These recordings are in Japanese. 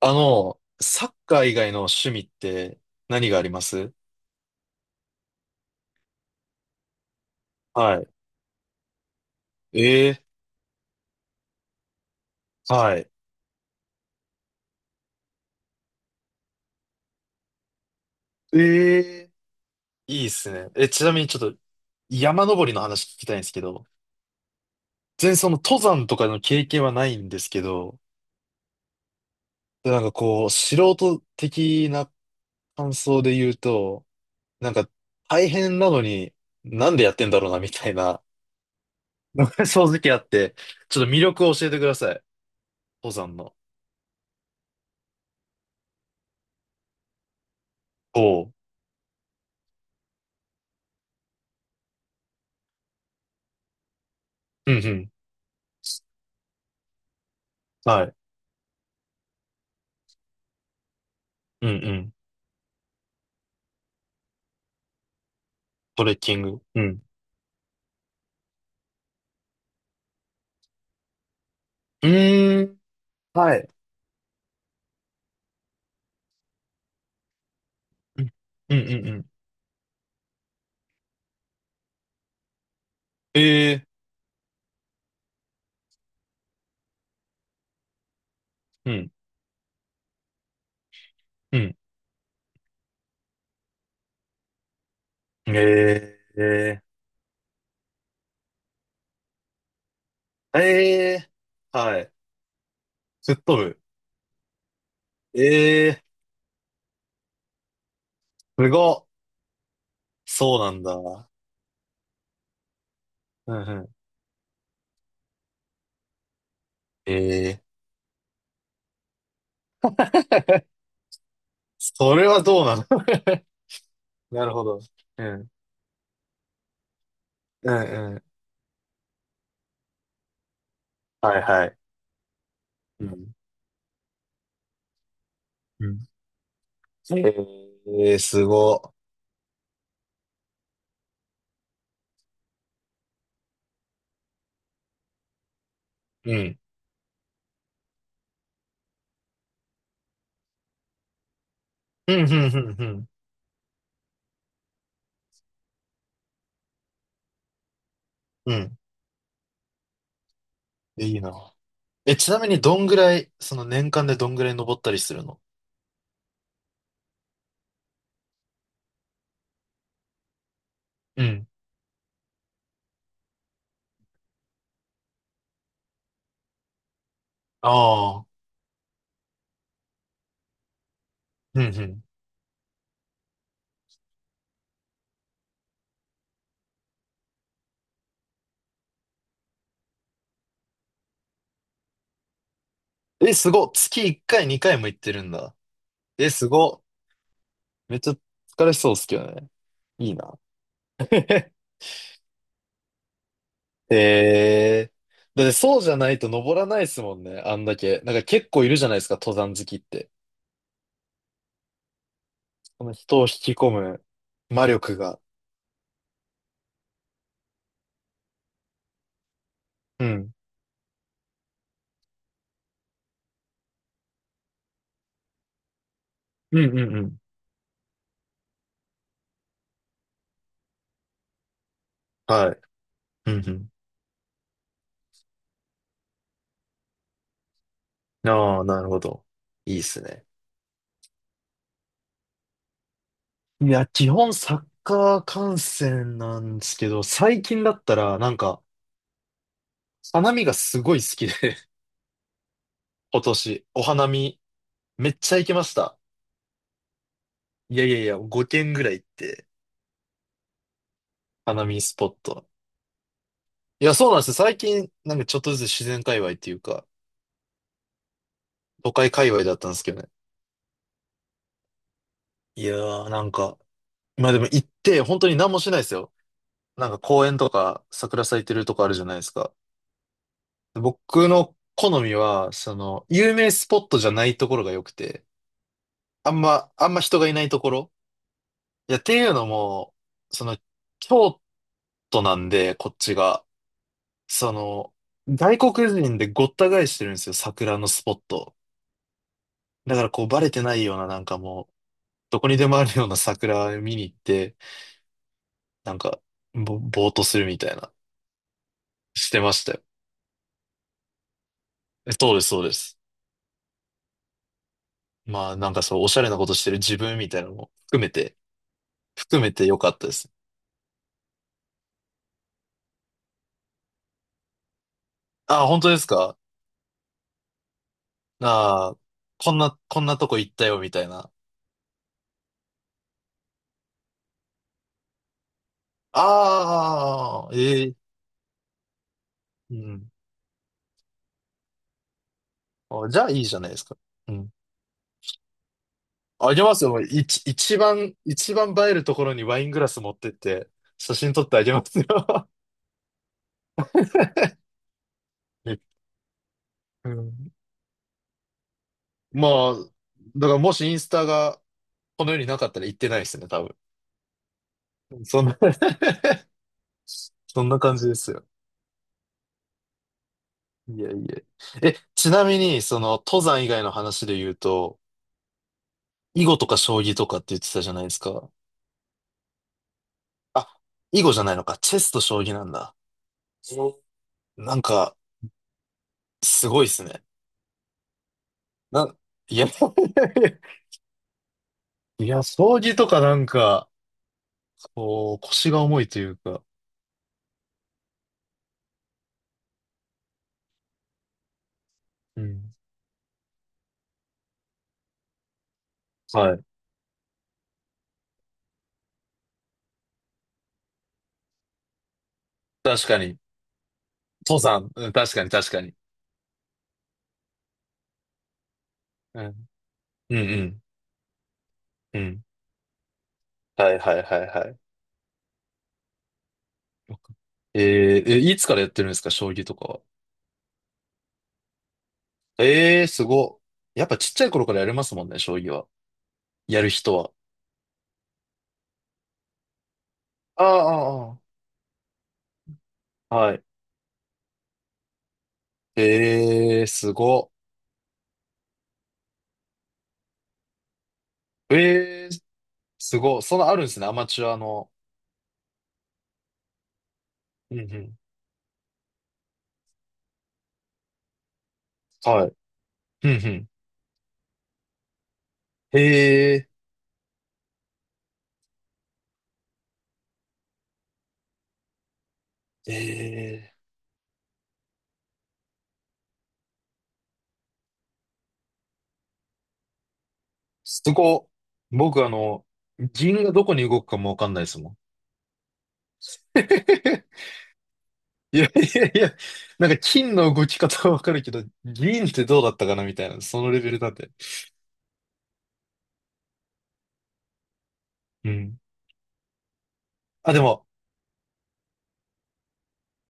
サッカー以外の趣味って何があります？はい。ええ、はい。ええ、いいっすね。え、ちなみにちょっと山登りの話聞きたいんですけど、全然その登山とかの経験はないんですけど、でなんかこう、素人的な感想で言うと、なんか大変なのになんでやってんだろうなみたいな、正直あって、ちょっと魅力を教えてください。登山の。おう。うんうん。はい。うんうん。トレッキング。うん。うーん。はい。うんうんうんうん。ええ、うん。うん。え、ええ、ええー、はい。吹っ飛ぶ。ええ、すごっ。そうなんだ。うんうん。ええ、それはどうなの？ なるほど。うん。うんうん。はいはい。うん。うん、ええ、すごっ。うん。うん、うん、うん、うん。うん。いいな。え、ちなみにどんぐらい、その年間でどんぐらい登ったりするの？うん。ああ。うん、うん、え、すごっ。月1回、2回も行ってるんだ。え、すごっ。めっちゃ疲れそうっすけどね。いいな。へ、えー。だってそうじゃないと登らないっすもんね、あんだけ。なんか結構いるじゃないですか、登山好きって。この人を引き込む魔力が。うん。うんうんうん。はい。うんうん。ああ、なるほど。いいっすね。いや、基本サッカー観戦なんですけど、最近だったらなんか、花見がすごい好きで、今年、お花見めっちゃ行きました。いやいやいや、5軒ぐらい行って、花見スポット。いや、そうなんですよ。最近、なんかちょっとずつ自然界隈っていうか、都会界隈だったんですけどね。いやー、なんか、まあでも行って、本当に何もしないですよ。なんか公園とか、桜咲いてるとこあるじゃないですか。僕の好みは、その、有名スポットじゃないところが良くて、あんま人がいないところ。いや、っていうのも、その、京都なんで、こっちが。その、外国人でごった返してるんですよ、桜のスポット。だからこうバレてないようななんかもう、どこにでもあるような桜見に行って、なんか、ぼーっとするみたいな、してましたよ。え、そうです、そうです。まあなんかそう、おしゃれなことしてる自分みたいなのも含めて、含めてよかったです。ああ、本当ですか？ああー、こんな、こんなとこ行ったよ、みたいな。ああ、ええ、うん。あ、じゃあいいじゃないですか。うん、あげますよ。一番映えるところにワイングラス持ってって、写真撮ってあげますよ。え、うん、まあ、だからもしインスタがこの世になかったら行ってないですね、多分。そんな そんな感じですよ。いやいや。え、ちなみに、その、登山以外の話で言うと、囲碁とか将棋とかって言ってたじゃないですか。あ、囲碁じゃないのか。チェスと将棋なんだ。そうなんか、すごいっすね。な、いや、いや、将棋とかなんか、こう、腰が重いというか、うん。はい。確かに。登山。うん、確かに、確かに。うん。うんうん。うん。はいはいはいはい。よく、え、いつからやってるんですか、将棋とかは。ええー、すごっ。やっぱちっちゃい頃からやれますもんね、将棋は。やる人は。ああ、ああ、はい。ええー、すごっ。ええー、すごっ。そのあるんですね、アマチュアの。うんうん。はい。うんうん。ええー、ええー。すごっ。僕あの、銀がどこに動くかもわかんないですもん。いやいやいや、なんか金の動き方はわかるけど、銀ってどうだったかなみたいな、そのレベルなんで。うん。あ、でも、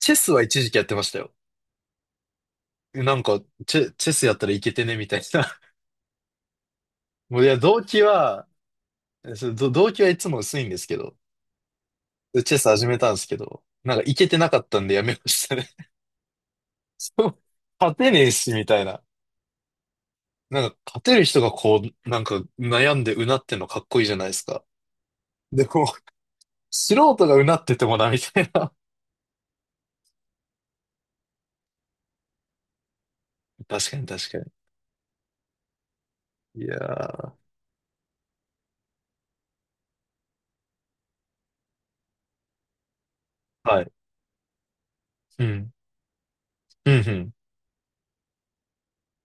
チェスは一時期やってましたよ。なんか、チェスやったらいけてね、みたいな。もういや、動機は、そう、動機はいつも薄いんですけど、チェス始めたんですけど、なんかいけてなかったんでやめましたね。そう、勝てねえし、みたいな。なんか、勝てる人がこう、なんか、悩んでうなってんのかっこいいじゃないですか。でも、素人がうなっててもな、みたいな。確かに確かに。いやー。はい。うん。うん、うん。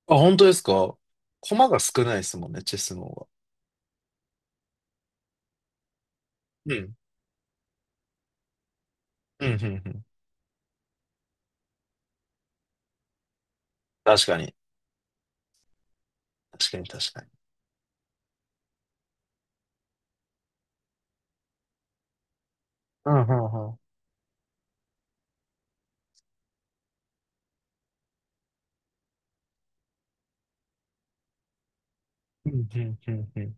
あ、本当ですか？駒が少ないですもんね、チェスの方が。うん。うん、うん、うん。確かに。確かに確かに。うん、うん、うん。うん、うん、うん。うん、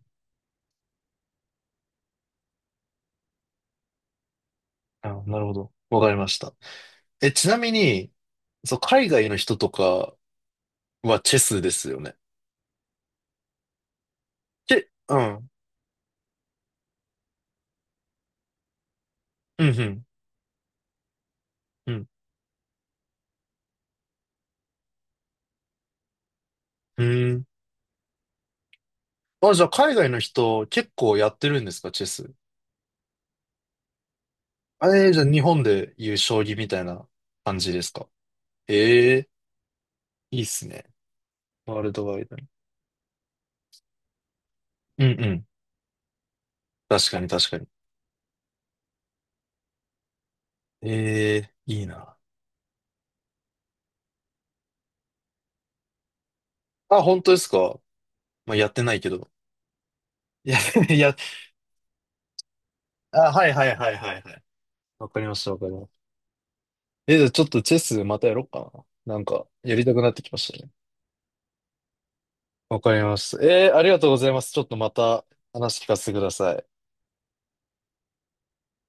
あ、なるほど。わかりました。え、ちなみに、そう、海外の人とかはチェスですよね。チェ、うん。うん、うん。うん。うん、あ、じゃあ海外の人結構やってるんですか、チェス。あ、じゃあ日本でいう将棋みたいな感じですか。ええー、いいっすね。ワールドワイドに。うんうん。確かに確かに。ええー、いいな。あ、本当ですか。まあ、やってないけど。いや、いや、あ、はいはいはいはいはい。わかりましたわかりました。え、じゃあちょっとチェスまたやろうかな。なんか、やりたくなってきましたね。わかりました。えー、ありがとうございます。ちょっとまた話聞かせてください。